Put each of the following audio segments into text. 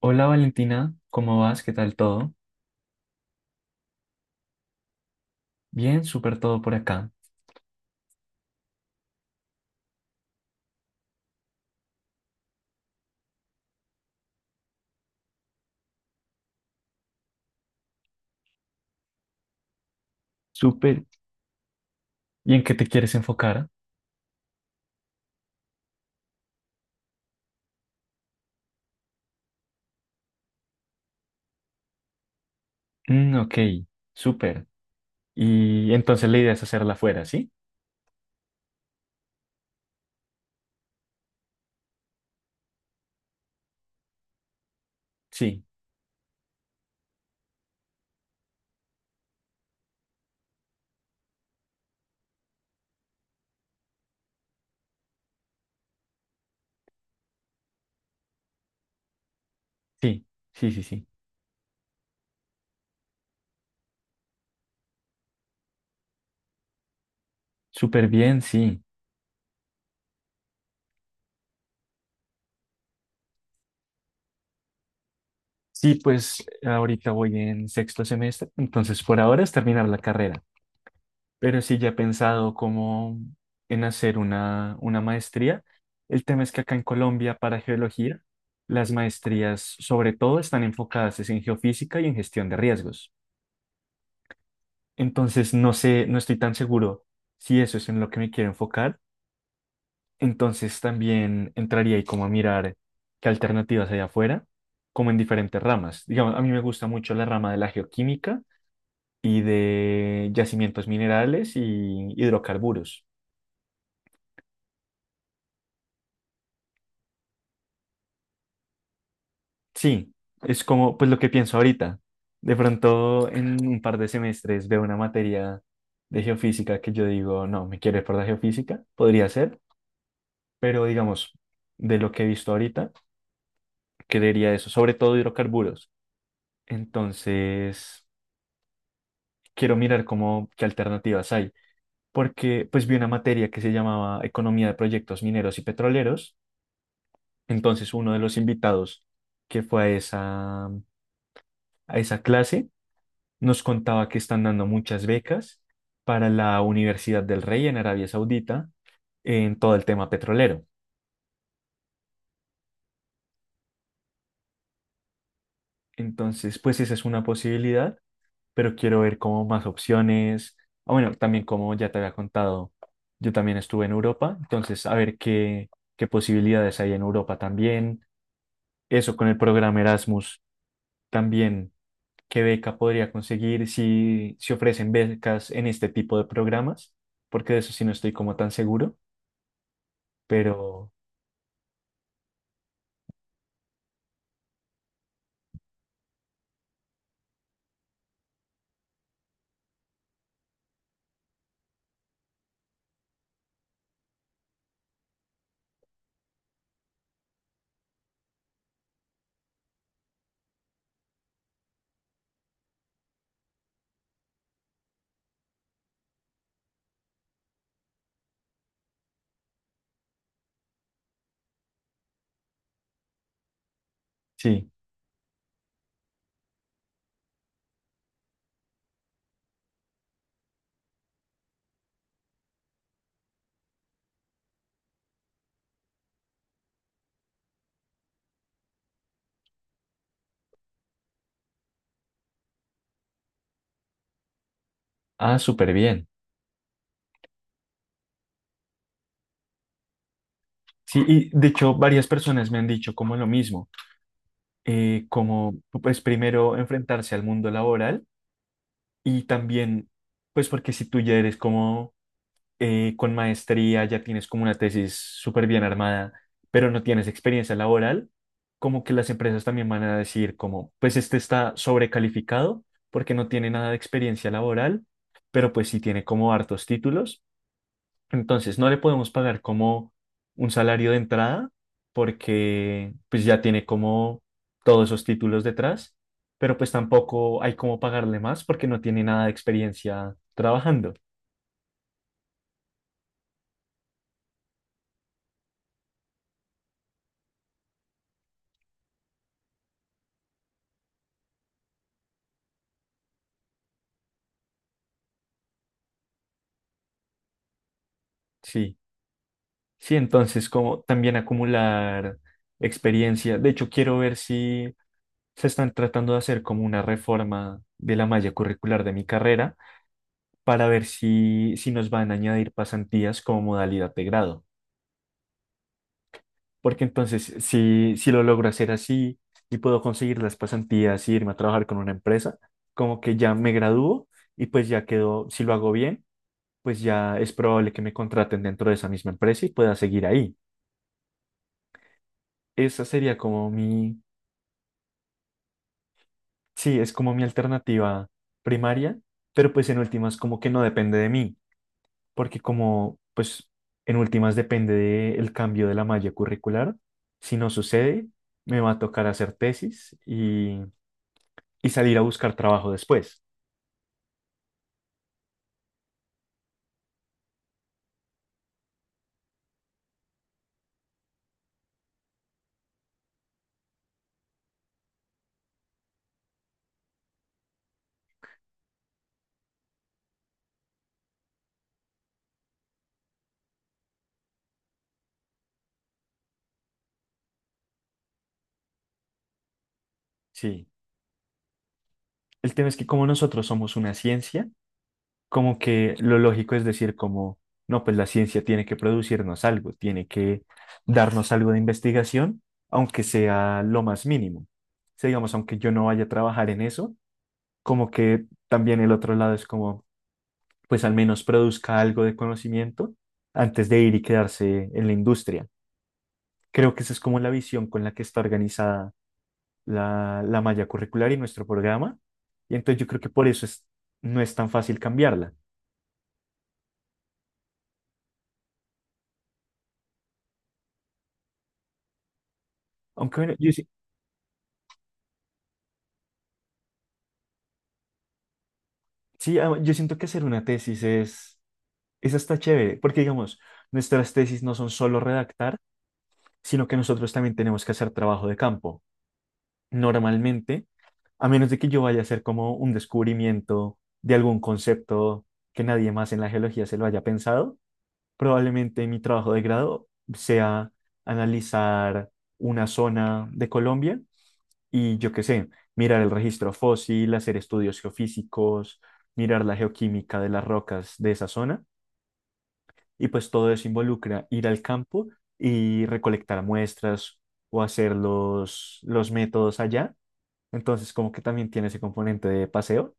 Hola Valentina, ¿cómo vas? ¿Qué tal todo? Bien, súper todo por acá. Súper. ¿Y en qué te quieres enfocar? Mm, ok, súper. Y entonces la idea es hacerla afuera, ¿sí? Sí, sí, sí, sí, sí. Súper bien, sí. Sí, pues ahorita voy en sexto semestre, entonces por ahora es terminar la carrera. Pero sí ya he pensado como en hacer una maestría. El tema es que acá en Colombia, para geología, las maestrías sobre todo están enfocadas es en geofísica y en gestión de riesgos. Entonces, no sé, no estoy tan seguro si eso es en lo que me quiero enfocar. Entonces, también entraría ahí como a mirar qué alternativas hay afuera, como en diferentes ramas. Digamos, a mí me gusta mucho la rama de la geoquímica y de yacimientos minerales y hidrocarburos. Sí, es como pues lo que pienso ahorita. De pronto en un par de semestres veo una materia de geofísica que yo digo, no, me quiero ir por la geofísica, podría ser, pero digamos, de lo que he visto ahorita, creería eso, sobre todo hidrocarburos. Entonces, quiero mirar cómo, qué alternativas hay, porque pues vi una materia que se llamaba Economía de Proyectos Mineros y Petroleros. Entonces, uno de los invitados que fue a esa clase nos contaba que están dando muchas becas para la Universidad del Rey en Arabia Saudita en todo el tema petrolero. Entonces, pues esa es una posibilidad, pero quiero ver como más opciones. Ah, bueno, también como ya te había contado, yo también estuve en Europa, entonces a ver qué, qué posibilidades hay en Europa también. Eso con el programa Erasmus también, qué beca podría conseguir si, si ofrecen becas en este tipo de programas, porque de eso sí no estoy como tan seguro, pero sí, ah, súper bien. Sí, y de hecho varias personas me han dicho como lo mismo, como pues primero enfrentarse al mundo laboral y también pues porque si tú ya eres como con maestría, ya tienes como una tesis súper bien armada, pero no tienes experiencia laboral, como que las empresas también van a decir como pues este está sobrecalificado porque no tiene nada de experiencia laboral, pero pues sí tiene como hartos títulos. Entonces, no le podemos pagar como un salario de entrada porque pues ya tiene como todos esos títulos detrás, pero pues tampoco hay como pagarle más porque no tiene nada de experiencia trabajando. Sí, sí, entonces como también acumular experiencia. De hecho, quiero ver si se están tratando de hacer como una reforma de la malla curricular de mi carrera para ver si, si nos van a añadir pasantías como modalidad de grado. Porque entonces, si, si lo logro hacer así y puedo conseguir las pasantías y irme a trabajar con una empresa, como que ya me gradúo y pues ya quedo, si lo hago bien, pues ya es probable que me contraten dentro de esa misma empresa y pueda seguir ahí. Esa sería como mi, sí, es como mi alternativa primaria, pero pues en últimas como que no depende de mí, porque como pues en últimas depende del cambio de la malla curricular, si no sucede, me va a tocar hacer tesis y salir a buscar trabajo después. Sí. El tema es que como nosotros somos una ciencia, como que lo lógico es decir como, no, pues la ciencia tiene que producirnos algo, tiene que darnos algo de investigación, aunque sea lo más mínimo. O sea, digamos, aunque yo no vaya a trabajar en eso, como que también el otro lado es como, pues al menos produzca algo de conocimiento antes de ir y quedarse en la industria. Creo que esa es como la visión con la que está organizada la, la malla curricular y nuestro programa. Y entonces yo creo que por eso es, no es tan fácil cambiarla. Aunque bueno, yo, sí, sí, ah, yo siento que hacer una tesis es hasta chévere, porque digamos, nuestras tesis no son solo redactar, sino que nosotros también tenemos que hacer trabajo de campo. Normalmente, a menos de que yo vaya a hacer como un descubrimiento de algún concepto que nadie más en la geología se lo haya pensado, probablemente mi trabajo de grado sea analizar una zona de Colombia y yo qué sé, mirar el registro fósil, hacer estudios geofísicos, mirar la geoquímica de las rocas de esa zona, y pues todo eso involucra ir al campo y recolectar muestras o hacer los métodos allá. Entonces, como que también tiene ese componente de paseo.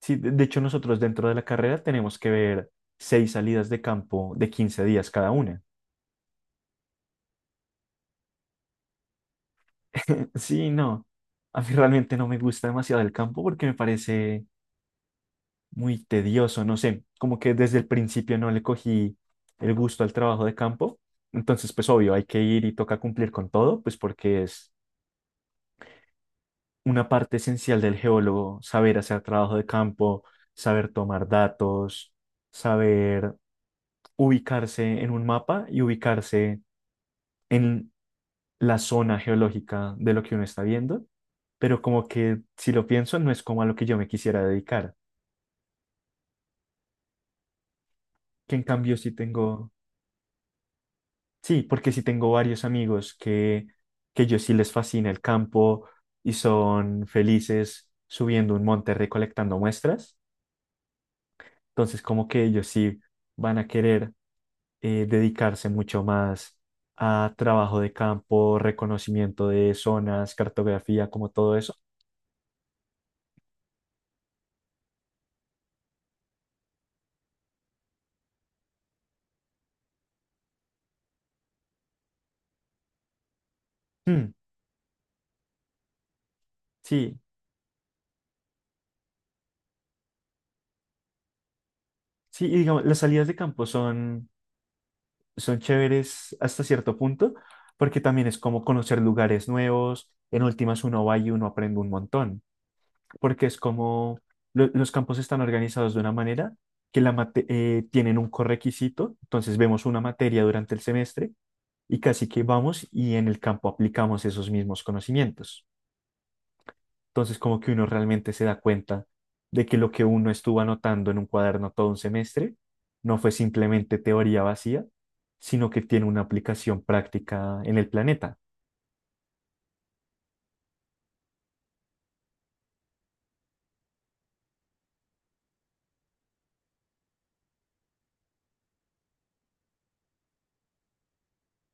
Sí, de hecho, nosotros dentro de la carrera tenemos que ver 6 salidas de campo de 15 días cada una. Sí, no. A mí realmente no me gusta demasiado el campo porque me parece muy tedioso, no sé, como que desde el principio no le cogí el gusto al trabajo de campo. Entonces, pues obvio, hay que ir y toca cumplir con todo, pues porque es una parte esencial del geólogo, saber hacer trabajo de campo, saber tomar datos, saber ubicarse en un mapa y ubicarse en la zona geológica de lo que uno está viendo. Pero como que si lo pienso, no es como a lo que yo me quisiera dedicar, que en cambio sí tengo. Sí, porque sí tengo varios amigos que yo sí les fascina el campo y son felices subiendo un monte recolectando muestras. Entonces, como que ellos sí van a querer dedicarse mucho más a trabajo de campo, reconocimiento de zonas, cartografía, como todo eso. Mm, sí, sí, y digamos, las salidas de campo son, son chéveres hasta cierto punto, porque también es como conocer lugares nuevos. En últimas, uno va y uno aprende un montón. Porque es como los campos están organizados de una manera que tienen un correquisito, entonces vemos una materia durante el semestre y casi que vamos y en el campo aplicamos esos mismos conocimientos. Entonces como que uno realmente se da cuenta de que lo que uno estuvo anotando en un cuaderno todo un semestre no fue simplemente teoría vacía, sino que tiene una aplicación práctica en el planeta.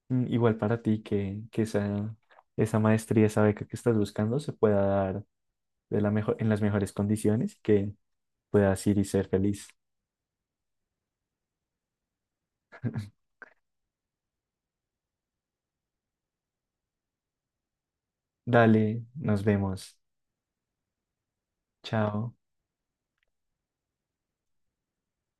Mm, igual para ti que esa maestría, esa beca que estás buscando se pueda dar de la mejor, en las mejores condiciones y que puedas ir y ser feliz. Dale, nos vemos. Chao.